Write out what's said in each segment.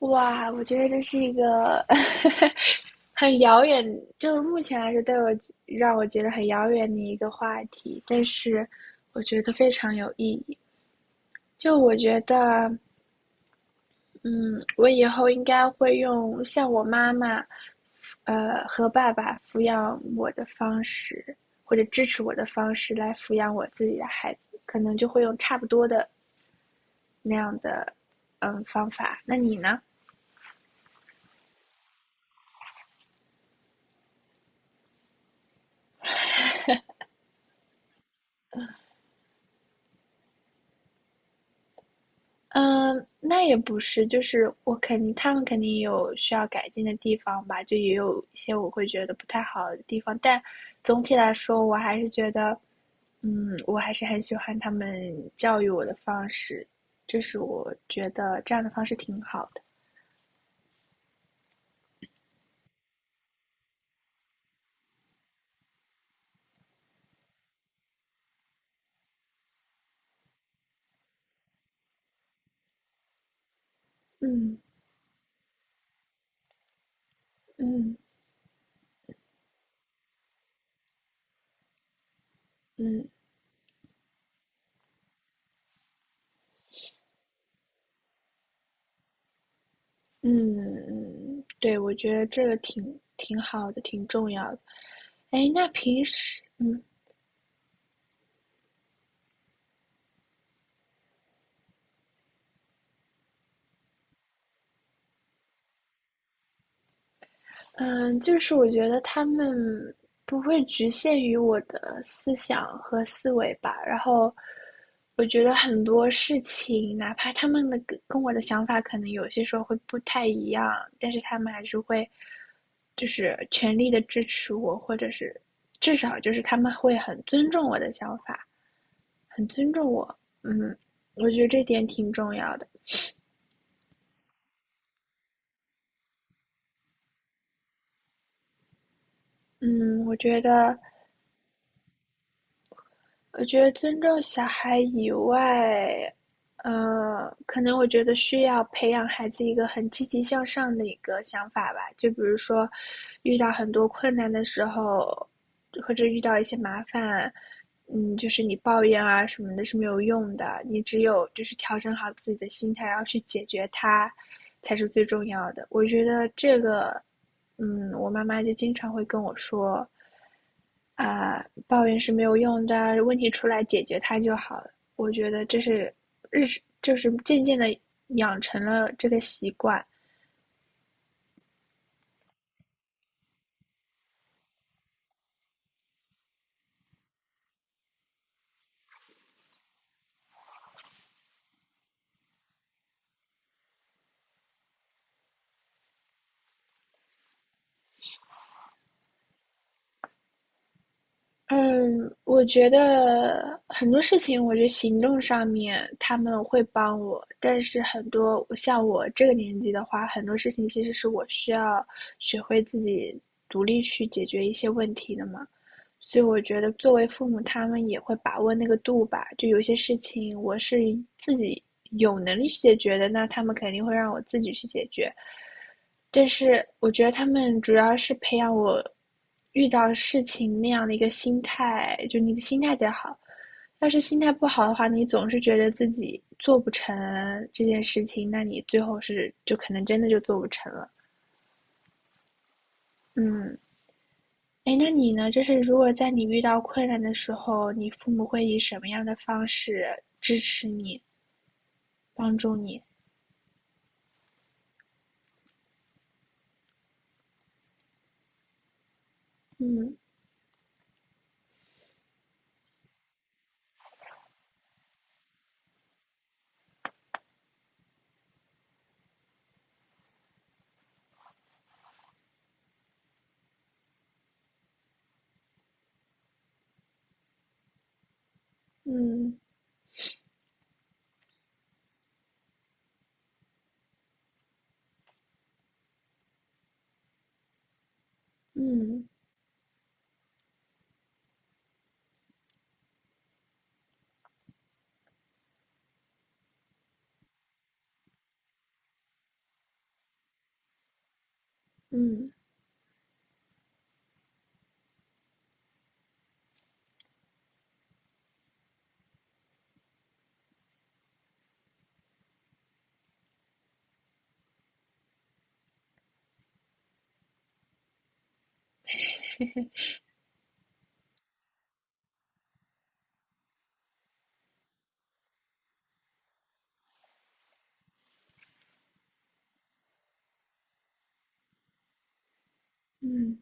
哇，我觉得这是一个 很遥远，就是目前来说让我觉得很遥远的一个话题，但是我觉得非常有意义。就我觉得，嗯，我以后应该会用像我妈妈，和爸爸抚养我的方式，或者支持我的方式来抚养我自己的孩子，可能就会用差不多的那样的，方法。那你呢？嗯，那也不是，就是我肯定他们肯定有需要改进的地方吧，就也有一些我会觉得不太好的地方，但总体来说，我还是觉得，我还是很喜欢他们教育我的方式，就是我觉得这样的方式挺好的。嗯嗯嗯嗯，对，我觉得这个挺好的，挺重要的。哎，那平时，嗯，就是我觉得他们不会局限于我的思想和思维吧。然后，我觉得很多事情，哪怕他们的跟我的想法可能有些时候会不太一样，但是他们还是会，就是全力的支持我，或者是至少就是他们会很尊重我的想法，很尊重我。嗯，我觉得这点挺重要的。嗯，我觉得。我觉得尊重小孩以外，可能我觉得需要培养孩子一个很积极向上的一个想法吧。就比如说，遇到很多困难的时候，或者遇到一些麻烦，就是你抱怨啊什么的是没有用的。你只有就是调整好自己的心态，然后去解决它，才是最重要的。我觉得这个，我妈妈就经常会跟我说，啊，抱怨是没有用的，问题出来解决它就好了。我觉得这是就是渐渐的养成了这个习惯。嗯，我觉得很多事情，我觉得行动上面他们会帮我，但是很多像我这个年纪的话，很多事情其实是我需要学会自己独立去解决一些问题的嘛。所以我觉得作为父母，他们也会把握那个度吧。就有些事情我是自己有能力去解决的，那他们肯定会让我自己去解决。但是我觉得他们主要是培养我遇到事情那样的一个心态，就你的心态得好。要是心态不好的话，你总是觉得自己做不成这件事情，那你最后是就可能真的就做不成了。嗯，哎，那你呢？就是如果在你遇到困难的时候，你父母会以什么样的方式支持你、帮助你？嗯嗯嗯嗯嗯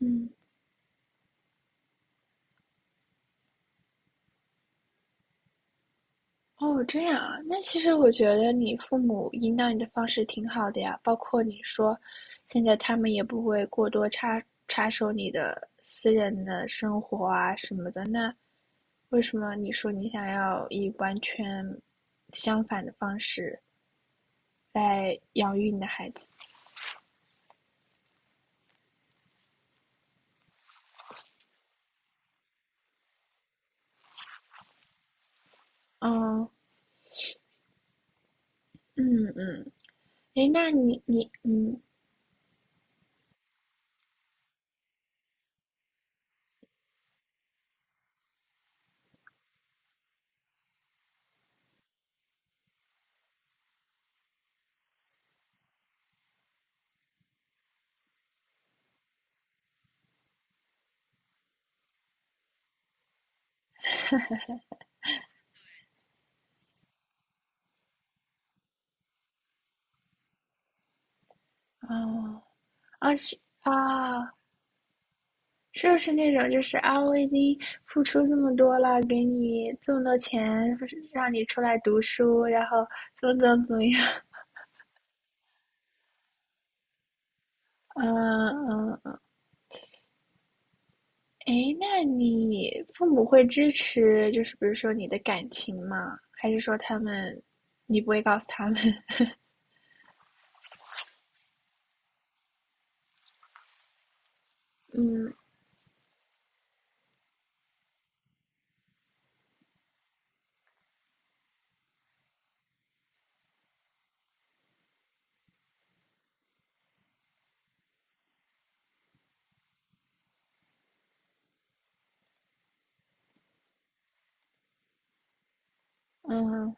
嗯。哦，这样啊。那其实我觉得你父母引导你的方式挺好的呀，包括你说现在他们也不会过多插手你的私人的生活啊什么的。那为什么你说你想要以完全相反的方式来养育你的孩子？嗯嗯嗯，诶，那你你嗯哦啊是啊，是不是那种就是啊，我已经付出这么多了，给你这么多钱，让你出来读书，然后怎么怎么怎么样？嗯嗯，诶，那你父母会支持，就是比如说你的感情吗？还是说他们，你不会告诉他们？嗯嗯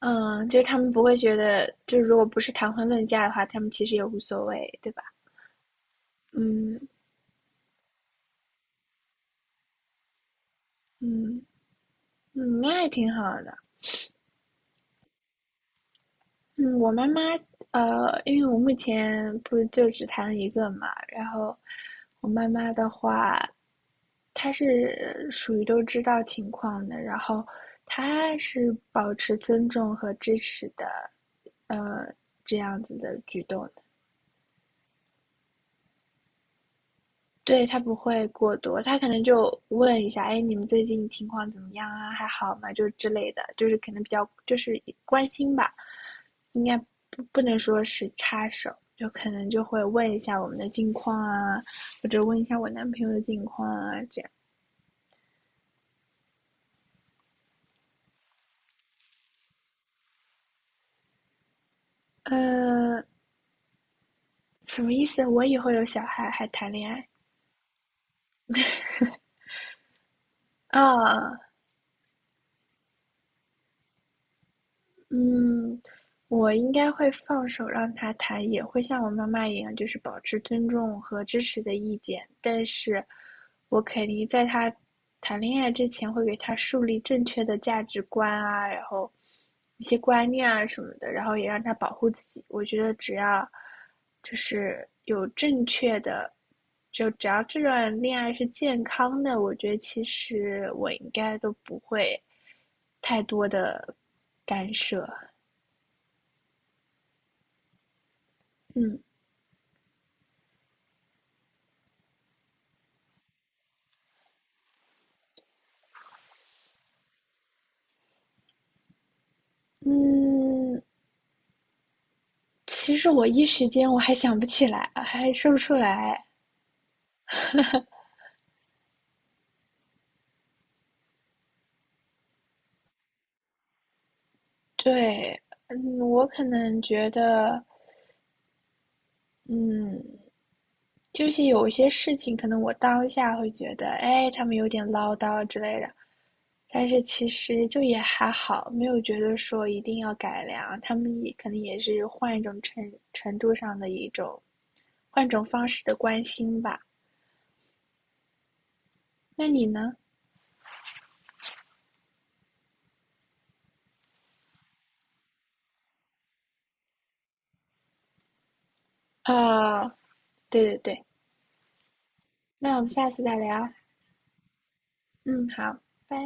嗯，就是他们不会觉得，就是如果不是谈婚论嫁的话，他们其实也无所谓，对吧？嗯嗯嗯，那也挺好的。嗯，我妈妈，因为我目前不是就只谈了一个嘛，然后我妈妈的话，她是属于都知道情况的，然后她是保持尊重和支持的，呃，这样子的举动。对，他不会过多，他可能就问一下，哎，你们最近情况怎么样啊？还好吗？就之类的，就是可能比较就是关心吧，应该不能说是插手，就可能就会问一下我们的近况啊，或者问一下我男朋友的近况啊，这样。呃，什么意思？我以后有小孩还谈恋爱？啊，嗯，我应该会放手让他谈，也会像我妈妈一样，就是保持尊重和支持的意见。但是，我肯定在他谈恋爱之前，会给他树立正确的价值观啊，然后一些观念啊什么的，然后也让他保护自己。我觉得只要就是有正确的，就只要这段恋爱是健康的，我觉得其实我应该都不会太多的干涉。嗯。嗯，其实我一时间我还想不起来，还说不出来。对，我可能觉得，嗯，就是有一些事情，可能我当下会觉得，哎，他们有点唠叨之类的，但是其实就也还好，没有觉得说一定要改良。他们也可能也是换一种程度上的一种，换一种方式的关心吧。那你呢？啊、对对对，那我们下次再聊。嗯，好，拜。